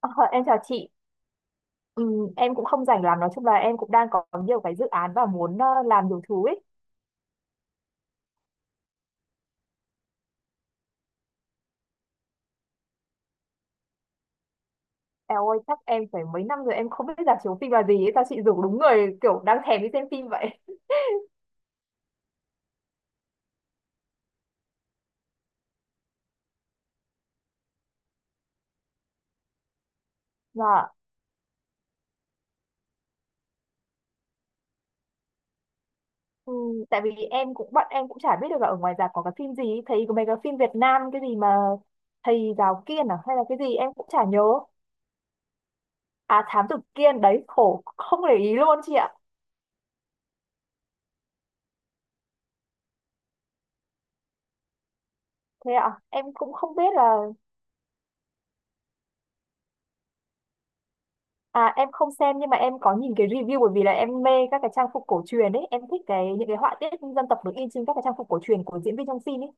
Ờ, em chào chị. Em cũng không rảnh lắm, nói chung là em cũng đang có nhiều cái dự án và muốn làm nhiều thứ ấy. Eo ơi, chắc em phải mấy năm rồi em không biết rạp chiếu phim là gì ấy, sao chị rủ đúng người kiểu đang thèm đi xem phim vậy. Dạ. Ừm, Tại vì em cũng bọn em cũng chả biết được là ở ngoài rạp có cái phim gì, ấy. Thấy có mấy cái phim Việt Nam cái gì mà thầy giáo Kiên à hay là cái gì em cũng chả nhớ. À, Thám Tử Kiên đấy, khổ không để ý luôn chị ạ. Thế ạ, em cũng không biết là. À, em không xem nhưng mà em có nhìn cái review bởi vì là em mê các cái trang phục cổ truyền ấy, em thích cái những cái họa tiết dân tộc được in trên các cái trang phục cổ truyền của diễn viên trong phim ấy.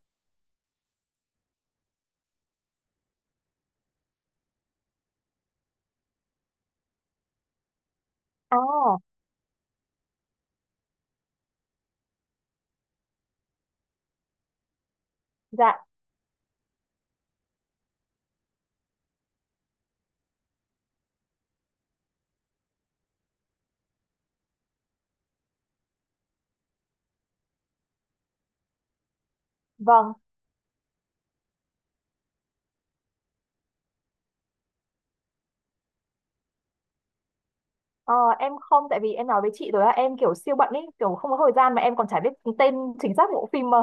À, dạ, vâng. Ờ, em không, tại vì em nói với chị rồi là em kiểu siêu bận ấy, kiểu không có thời gian mà em còn chả biết tên chính xác bộ phim mà.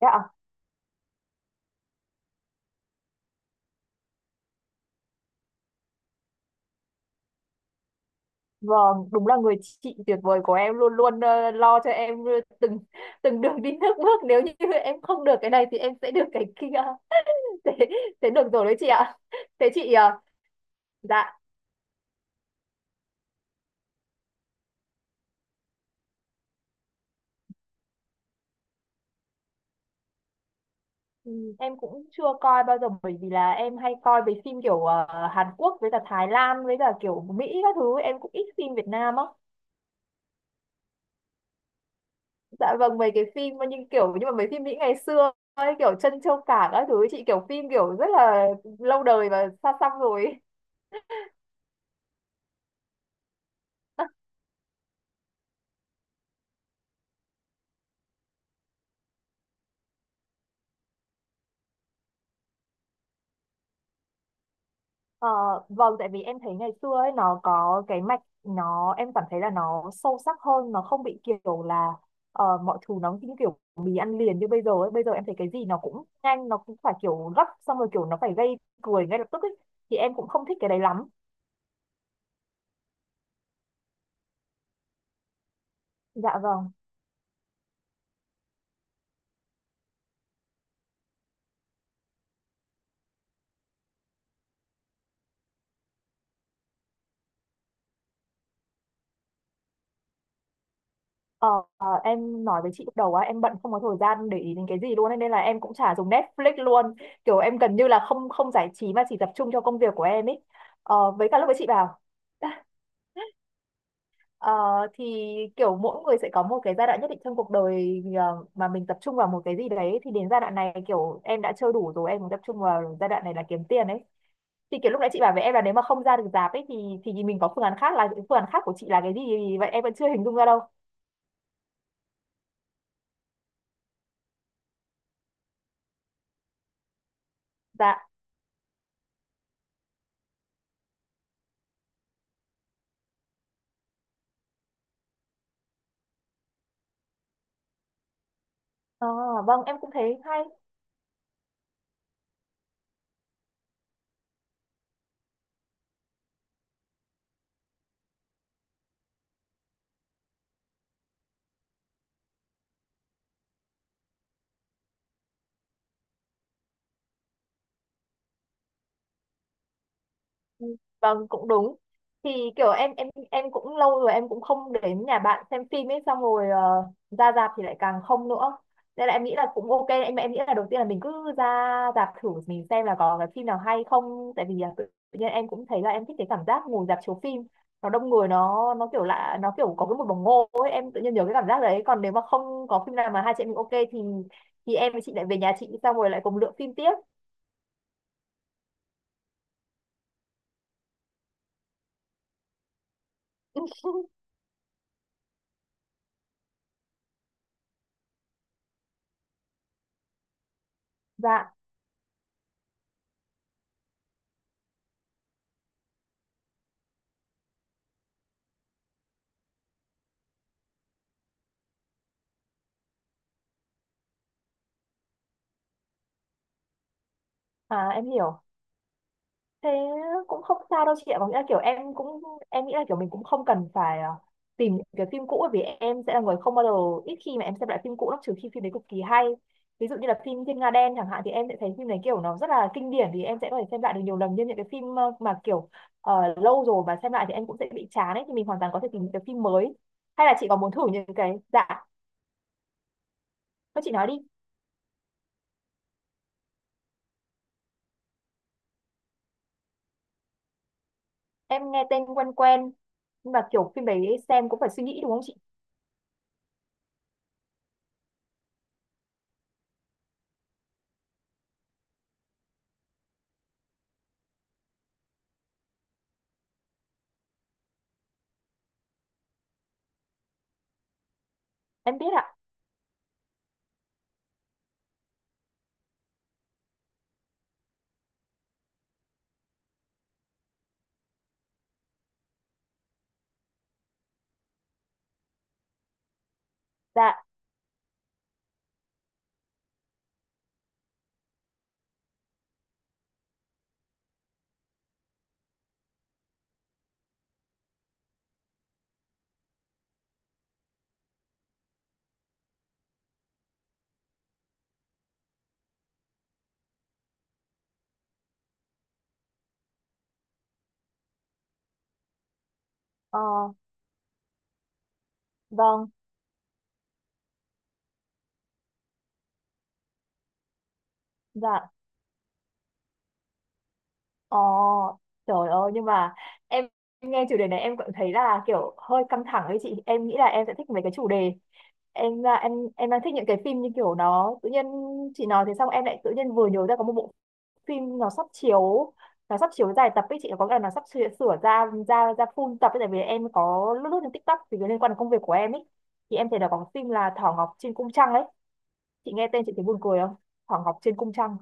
Thế. Vâng, đúng là người chị tuyệt vời của em luôn luôn lo cho em từng từng đường đi nước bước, nếu như em không được cái này thì em sẽ được cái kia. Thế, thế được rồi đấy chị ạ. Thế chị dạ. Ừ. Em cũng chưa coi bao giờ bởi vì là em hay coi về phim kiểu Hàn Quốc với cả Thái Lan với cả kiểu Mỹ các thứ, em cũng ít phim Việt Nam á. Dạ vâng, mấy cái phim mà nhưng kiểu nhưng mà mấy phim Mỹ ngày xưa ấy, kiểu Trân Châu Cảng các thứ ấy, chị, kiểu phim kiểu rất là lâu đời và xa xăm rồi. Ờ, vâng, tại vì em thấy ngày xưa ấy nó có cái mạch nó, em cảm thấy là nó sâu sắc hơn, nó không bị kiểu là mọi thứ nó như kiểu mì ăn liền như bây giờ ấy, bây giờ em thấy cái gì nó cũng nhanh, nó cũng phải kiểu gấp xong rồi kiểu nó phải gây cười ngay lập tức ấy, thì em cũng không thích cái đấy lắm. Dạ vâng. Ờ, em nói với chị lúc đầu á, em bận không có thời gian để ý đến cái gì luôn ấy, nên là em cũng chả dùng Netflix luôn, kiểu em gần như là không không giải trí mà chỉ tập trung cho công việc của em ấy. Ờ, với cả lúc với chị bảo. Ờ, thì kiểu mỗi người sẽ có một cái giai đoạn nhất định trong cuộc đời mà mình tập trung vào một cái gì đấy, thì đến giai đoạn này kiểu em đã chơi đủ rồi, em muốn tập trung vào giai đoạn này là kiếm tiền ấy. Thì kiểu lúc nãy chị bảo với em là nếu mà không ra được rạp ấy thì mình có phương án khác, là phương án khác của chị là cái gì vậy, em vẫn chưa hình dung ra đâu. Dạ. Ờ, vâng em cũng thấy hay. Vâng cũng đúng, thì kiểu em cũng lâu rồi em cũng không đến nhà bạn xem phim ấy, xong rồi ra rạp thì lại càng không nữa, nên là em nghĩ là cũng ok. Em nghĩ là đầu tiên là mình cứ ra rạp thử mình xem là có cái phim nào hay không, tại vì là tự tự nhiên em cũng thấy là em thích cái cảm giác ngồi rạp chiếu phim, nó đông người, nó kiểu lạ, nó kiểu có cái một bồng ngô ấy, em tự nhiên nhớ cái cảm giác đấy. Còn nếu mà không có phim nào mà hai chị em mình ok thì em với chị lại về nhà chị xong rồi lại cùng lựa phim tiếp. Dạ. À em hiểu, thế cũng không sao đâu chị ạ, có nghĩa là kiểu em cũng em nghĩ là kiểu mình cũng không cần phải tìm những cái phim cũ, bởi vì em sẽ là người không bao giờ ít khi mà em xem lại phim cũ lắm, trừ khi phim đấy cực kỳ hay. Ví dụ như là phim Thiên Nga Đen chẳng hạn, thì em sẽ thấy phim đấy kiểu nó rất là kinh điển, thì em sẽ có thể xem lại được nhiều lần. Nhưng những cái phim mà kiểu lâu rồi mà xem lại thì em cũng sẽ bị chán ấy, thì mình hoàn toàn có thể tìm những cái phim mới. Hay là chị có muốn thử những cái dạ. Thôi chị nói đi. Em nghe tên quen quen, nhưng mà kiểu phim đấy xem cũng phải suy nghĩ đúng không chị? Em biết ạ. Dạ. Ờ, vâng. Dạ, ờ, trời ơi nhưng mà em em nghe chủ đề này em cũng thấy là kiểu hơi căng thẳng ấy chị. Em nghĩ là em sẽ thích mấy cái chủ đề. Em là em đang thích những cái phim như kiểu nó tự nhiên. Chị nói thế xong em lại tự nhiên vừa nhớ ra có một bộ phim nó sắp chiếu, nó sắp chiếu dài tập ấy chị, có nghĩa là nó sắp sửa, sửa ra ra ra full tập ấy, tại vì em có lướt lướt trên TikTok thì liên quan đến công việc của em ấy, thì em thấy là có cái phim là Thỏ Ngọc trên cung trăng ấy. Chị nghe tên chị thấy buồn cười không? Thỏ Ngọc trên cung trăng.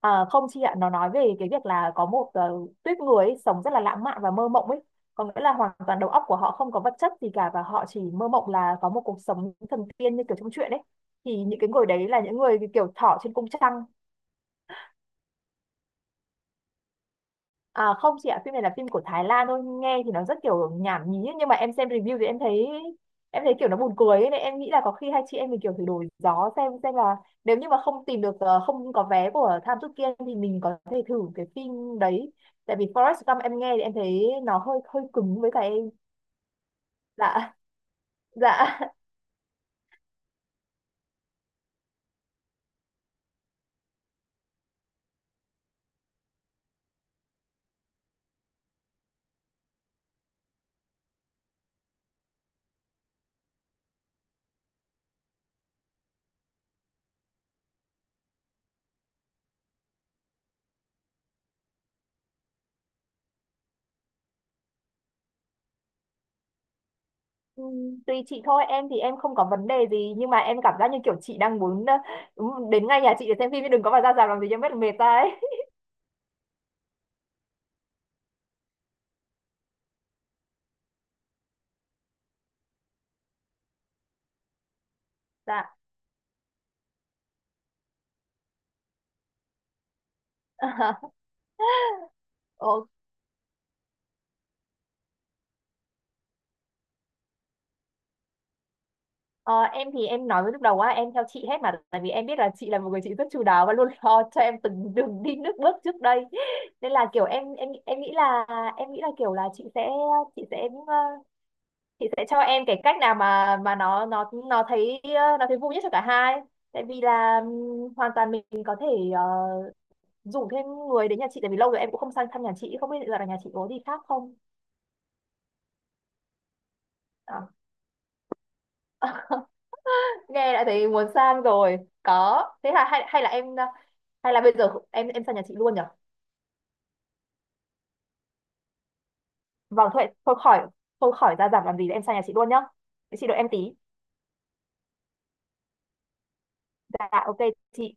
À, không chị ạ, nó nói về cái việc là có một tuýp người ấy, sống rất là lãng mạn và mơ mộng ấy. Có nghĩa là hoàn toàn đầu óc của họ không có vật chất gì cả, và họ chỉ mơ mộng là có một cuộc sống thần tiên như kiểu trong truyện ấy. Thì những cái người đấy là những người kiểu thỏ trên cung trăng. À, không chị ạ, phim này là phim của Thái Lan thôi, nghe thì nó rất kiểu nhảm nhí ấy, nhưng mà em xem review thì em thấy kiểu nó buồn cười ấy, nên em nghĩ là có khi hai chị em mình kiểu thử đổi gió xem là nếu như mà không tìm được không có vé của Tham Chut Kiên thì mình có thể thử cái phim đấy. Tại vì Forrest Gump em nghe thì em thấy nó hơi hơi cứng với cả em. Dạ, dạ. Tùy chị thôi, em thì em không có vấn đề gì nhưng mà em cảm giác như kiểu chị đang muốn đến ngay nhà chị để xem phim chứ đừng có mà ra rạp làm gì cho mất mệt ra ấy. Dạ. Ok. Ờ, em thì em nói với lúc đầu á, em theo chị hết mà tại vì em biết là chị là một người chị rất chu đáo và luôn lo cho em từng đường đi nước bước trước đây, nên là kiểu em nghĩ là em nghĩ là kiểu là chị sẽ chị sẽ cho em cái cách nào mà nó thấy nó thấy vui nhất cho cả hai, tại vì là hoàn toàn mình có thể ờ, rủ thêm người đến nhà chị, tại vì lâu rồi em cũng không sang thăm nhà chị, không biết là nhà chị có gì khác không. Nghe đã thấy muốn sang rồi. Có thế là hay, hay là em hay là bây giờ em sang nhà chị luôn nhở? Vâng thôi thôi khỏi ra giảm làm gì, em sang nhà chị luôn nhá. Chị đợi em tí. Dạ ok chị.